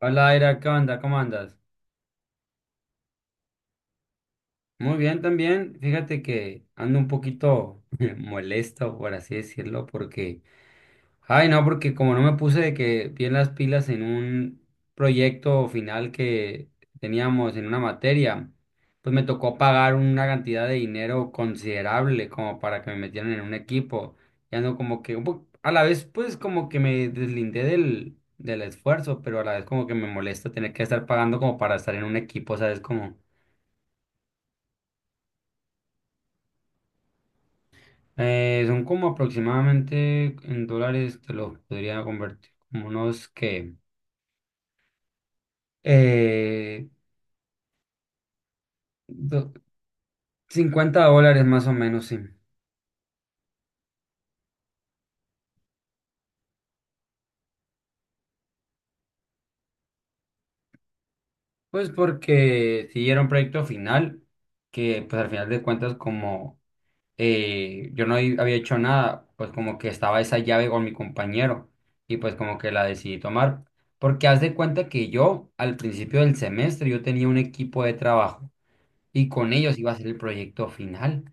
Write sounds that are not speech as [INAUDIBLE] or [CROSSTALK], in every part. Hola, Aira, ¿qué onda? ¿Cómo andas? Muy bien también. Fíjate que ando un poquito [LAUGHS] molesto, por así decirlo, porque como no me puse de que bien las pilas en un proyecto final que teníamos en una materia, pues me tocó pagar una cantidad de dinero considerable como para que me metieran en un equipo. Y ando como que, a la vez, pues como que me deslindé del esfuerzo, pero a la vez como que me molesta tener que estar pagando como para estar en un equipo, ¿sabes? Como... son como aproximadamente en dólares, te lo podría convertir como unos eh, do- $50 más o menos, sí. Pues porque si era un proyecto final, que pues al final de cuentas como yo había hecho nada, pues como que estaba esa llave con mi compañero y pues como que la decidí tomar. Porque haz de cuenta que yo al principio del semestre yo tenía un equipo de trabajo y con ellos iba a hacer el proyecto final.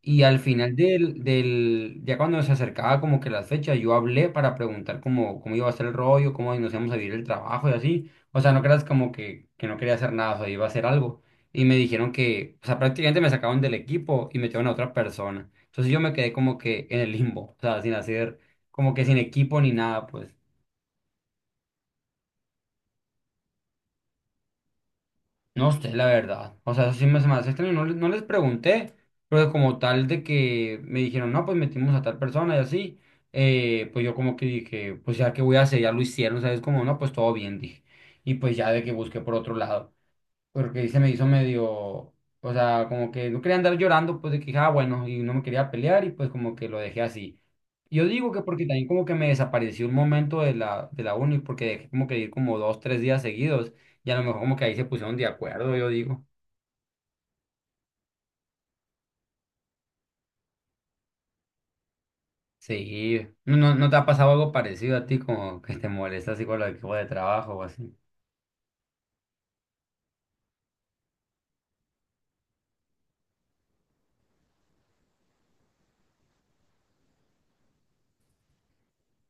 Y al final del, ya cuando se acercaba como que la fecha, yo hablé para preguntar cómo iba a ser el rollo, cómo nos íbamos a vivir el trabajo y así. O sea, no creas como que no quería hacer nada, o sea, iba a hacer algo. Y me dijeron que, o sea, prácticamente me sacaron del equipo y metieron a otra persona. Entonces yo me quedé como que en el limbo, o sea, sin hacer, como que sin equipo ni nada, pues. No sé, la verdad. O sea, se me hace extraño. No, no les pregunté, pero como tal de que me dijeron, no, pues metimos a tal persona y así, pues yo como que dije, pues ya que voy a hacer, ya lo hicieron, ¿sabes? Como, no, pues todo bien, dije. Y pues ya de que busqué por otro lado porque se me hizo medio, o sea, como que no quería andar llorando, pues de que, dije, ah, bueno, y no me quería pelear y pues como que lo dejé así. Yo digo que porque también como que me desapareció un momento de la uni, porque dejé como que ir como dos, tres días seguidos y a lo mejor como que ahí se pusieron de acuerdo, yo digo. Sí, ¿no te ha pasado algo parecido a ti como que te molesta así con el equipo de trabajo o así?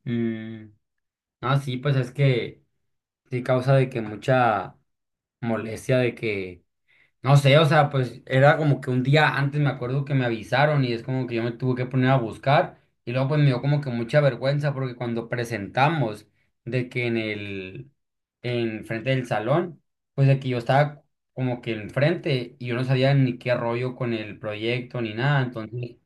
Mm, ah, sí, pues es que sí causa de que mucha molestia de que no sé, o sea, pues era como que un día antes me acuerdo que me avisaron y es como que yo me tuve que poner a buscar y luego pues me dio como que mucha vergüenza porque cuando presentamos de que en el, en frente del salón, pues de que yo estaba como que enfrente y yo no sabía ni qué rollo con el proyecto ni nada, entonces...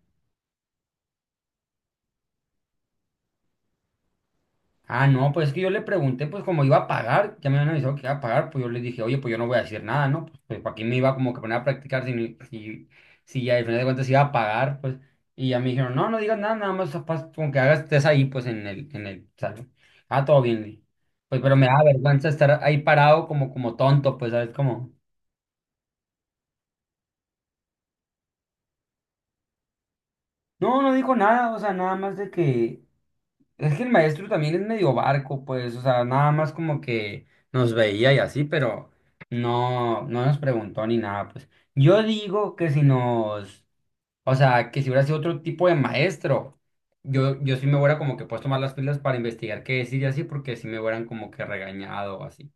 Ah, no, pues es que yo le pregunté, pues como iba a pagar, ya me habían avisado que iba a pagar, pues yo le dije, oye, pues yo no voy a decir nada, ¿no? Pues para qué me iba como que poner a practicar si al final de cuentas iba a pagar, pues. Y ya me dijeron, no, no digas nada, nada más con que hagas, estés ahí, pues en el salón. Ah, todo bien, le dije. Pues pero me da vergüenza estar ahí parado como tonto, pues, ¿sabes? Como, no, no dijo nada, o sea, nada más de que. Es que el maestro también es medio barco, pues, o sea, nada más como que nos veía y así, pero no, no nos preguntó ni nada, pues. Yo digo que si nos, o sea, que si hubiera sido otro tipo de maestro, yo sí me hubiera como que puesto más las pilas para investigar qué decir y así, porque sí me hubieran como que regañado o así.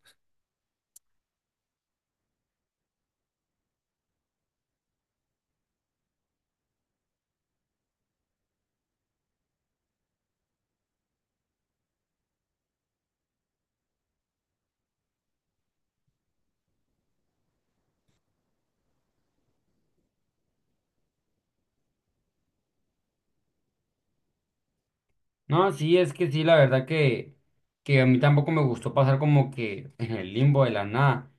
No, sí, es que sí, la verdad que a mí tampoco me gustó pasar como que [LAUGHS] en el limbo de la nada.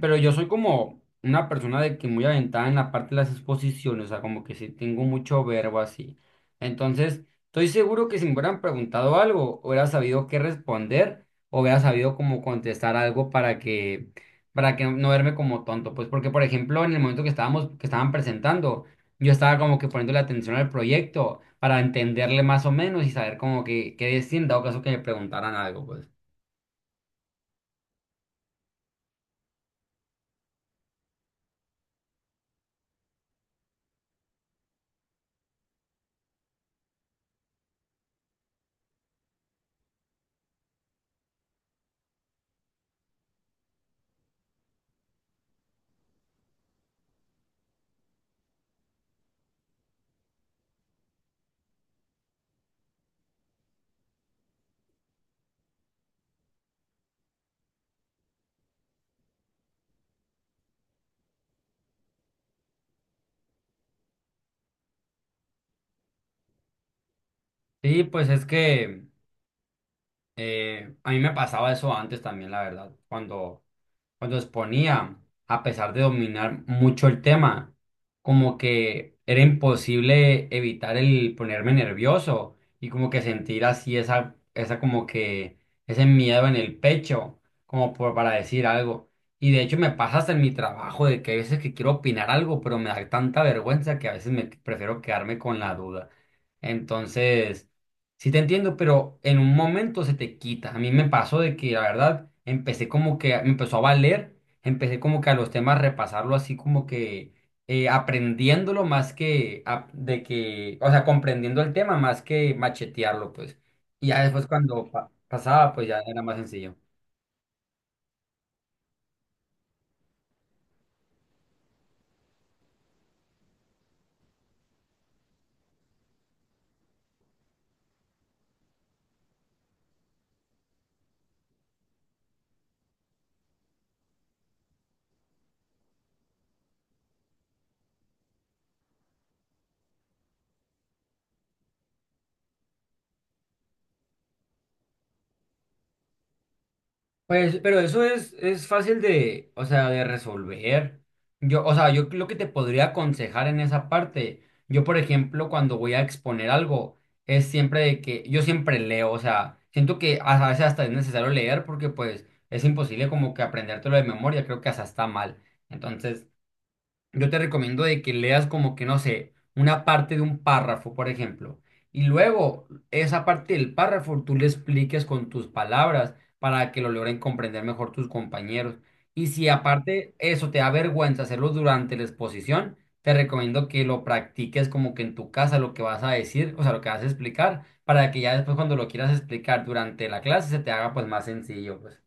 Pero yo soy como una persona de que muy aventada en la parte de las exposiciones, o sea, como que sí tengo mucho verbo así. Entonces, estoy seguro que si me hubieran preguntado algo, hubiera sabido qué responder o hubiera sabido cómo contestar algo para que no verme como tonto. Pues porque, por ejemplo, en el momento que que estaban presentando yo estaba como que poniendo la atención al proyecto para entenderle más o menos y saber como que qué decir en dado caso que me preguntaran algo, pues. Sí, pues es que a mí me pasaba eso antes también, la verdad, cuando exponía, a pesar de dominar mucho el tema, como que era imposible evitar el ponerme nervioso y como que sentir así esa como que ese miedo en el pecho, para decir algo. Y de hecho me pasa hasta en mi trabajo de que hay veces que quiero opinar algo, pero me da tanta vergüenza que a veces me prefiero quedarme con la duda. Entonces... Sí te entiendo, pero en un momento se te quita. A mí me pasó de que, la verdad, me empezó a valer, empecé como que a los temas repasarlo así como que aprendiéndolo de que, o sea, comprendiendo el tema más que machetearlo, pues. Y ya después cuando pasaba, pues ya era más sencillo. Pues, pero es fácil de, o sea, de resolver. Yo, o sea, yo lo que te podría aconsejar en esa parte, yo, por ejemplo, cuando voy a exponer algo, es siempre de que yo siempre leo, o sea, siento que a veces hasta es necesario leer porque pues es imposible como que aprendértelo de memoria, creo que hasta está mal. Entonces, yo te recomiendo de que leas como que, no sé, una parte de un párrafo, por ejemplo, y luego esa parte del párrafo tú le expliques con tus palabras para que lo logren comprender mejor tus compañeros. Y si aparte eso te da vergüenza hacerlo durante la exposición, te recomiendo que lo practiques como que en tu casa lo que vas a decir, o sea, lo que vas a explicar, para que ya después cuando lo quieras explicar durante la clase se te haga pues más sencillo, pues.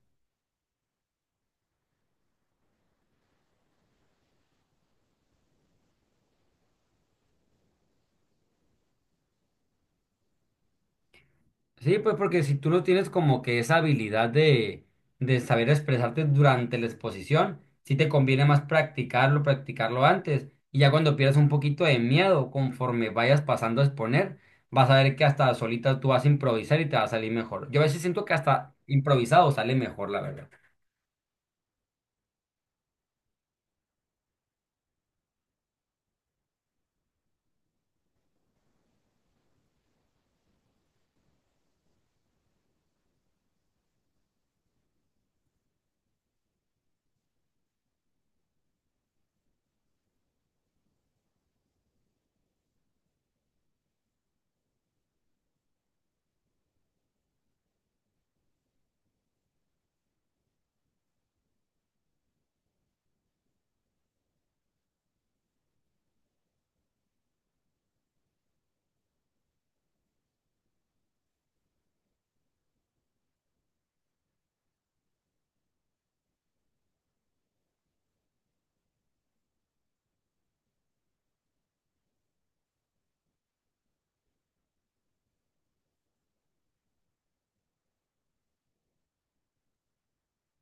Sí, pues porque si tú no tienes como que esa habilidad de saber expresarte durante la exposición, sí te conviene más practicarlo antes. Y ya cuando pierdas un poquito de miedo, conforme vayas pasando a exponer, vas a ver que hasta solita tú vas a improvisar y te va a salir mejor. Yo a veces siento que hasta improvisado sale mejor, la verdad.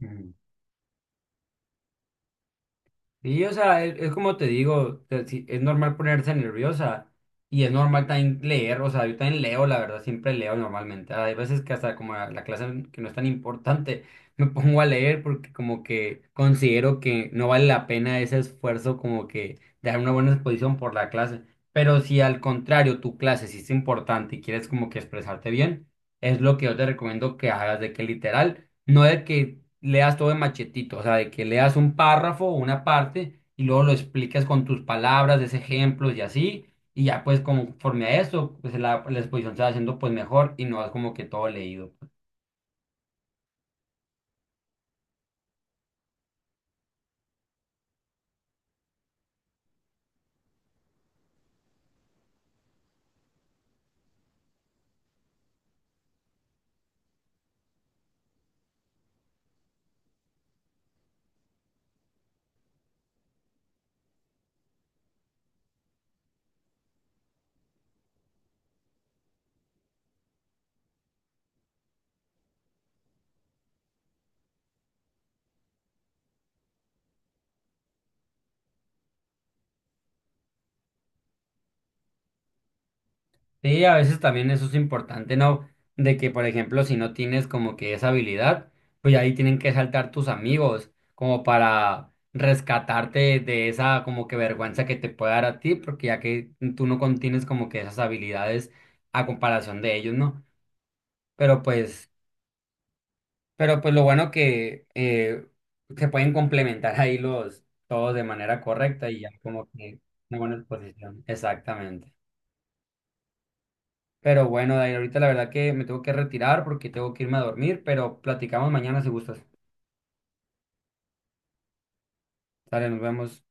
Ujú. Y, o sea, es como te digo, sí, es normal ponerse nerviosa y es normal también leer, o sea, yo también leo, la verdad, siempre leo normalmente. Hay veces que hasta como la clase que no es tan importante, [LAUGHS] me pongo a leer porque como que considero que no vale la pena ese esfuerzo como que de dar una buena exposición por la clase. Pero si al contrario tu clase sí es importante y quieres como que expresarte bien, es lo que yo te recomiendo que hagas de que literal, no de que leas todo de machetito, o sea, de que leas un párrafo o una parte y luego lo explicas con tus palabras, des ejemplos y así, y ya pues conforme a eso, pues la exposición se va haciendo pues mejor y no es como que todo leído. Sí, a veces también eso es importante, ¿no? De que, por ejemplo, si no tienes como que esa habilidad, pues ahí tienen que saltar tus amigos como para rescatarte de esa como que vergüenza que te puede dar a ti, porque ya que tú no contienes como que esas habilidades a comparación de ellos, ¿no? Pero pues, pero pues lo bueno que se pueden complementar ahí los todos de manera correcta y ya como que una buena exposición. Exactamente. Pero bueno, Dair, ahorita la verdad que me tengo que retirar porque tengo que irme a dormir, pero platicamos mañana si gustas. Dale, nos vemos.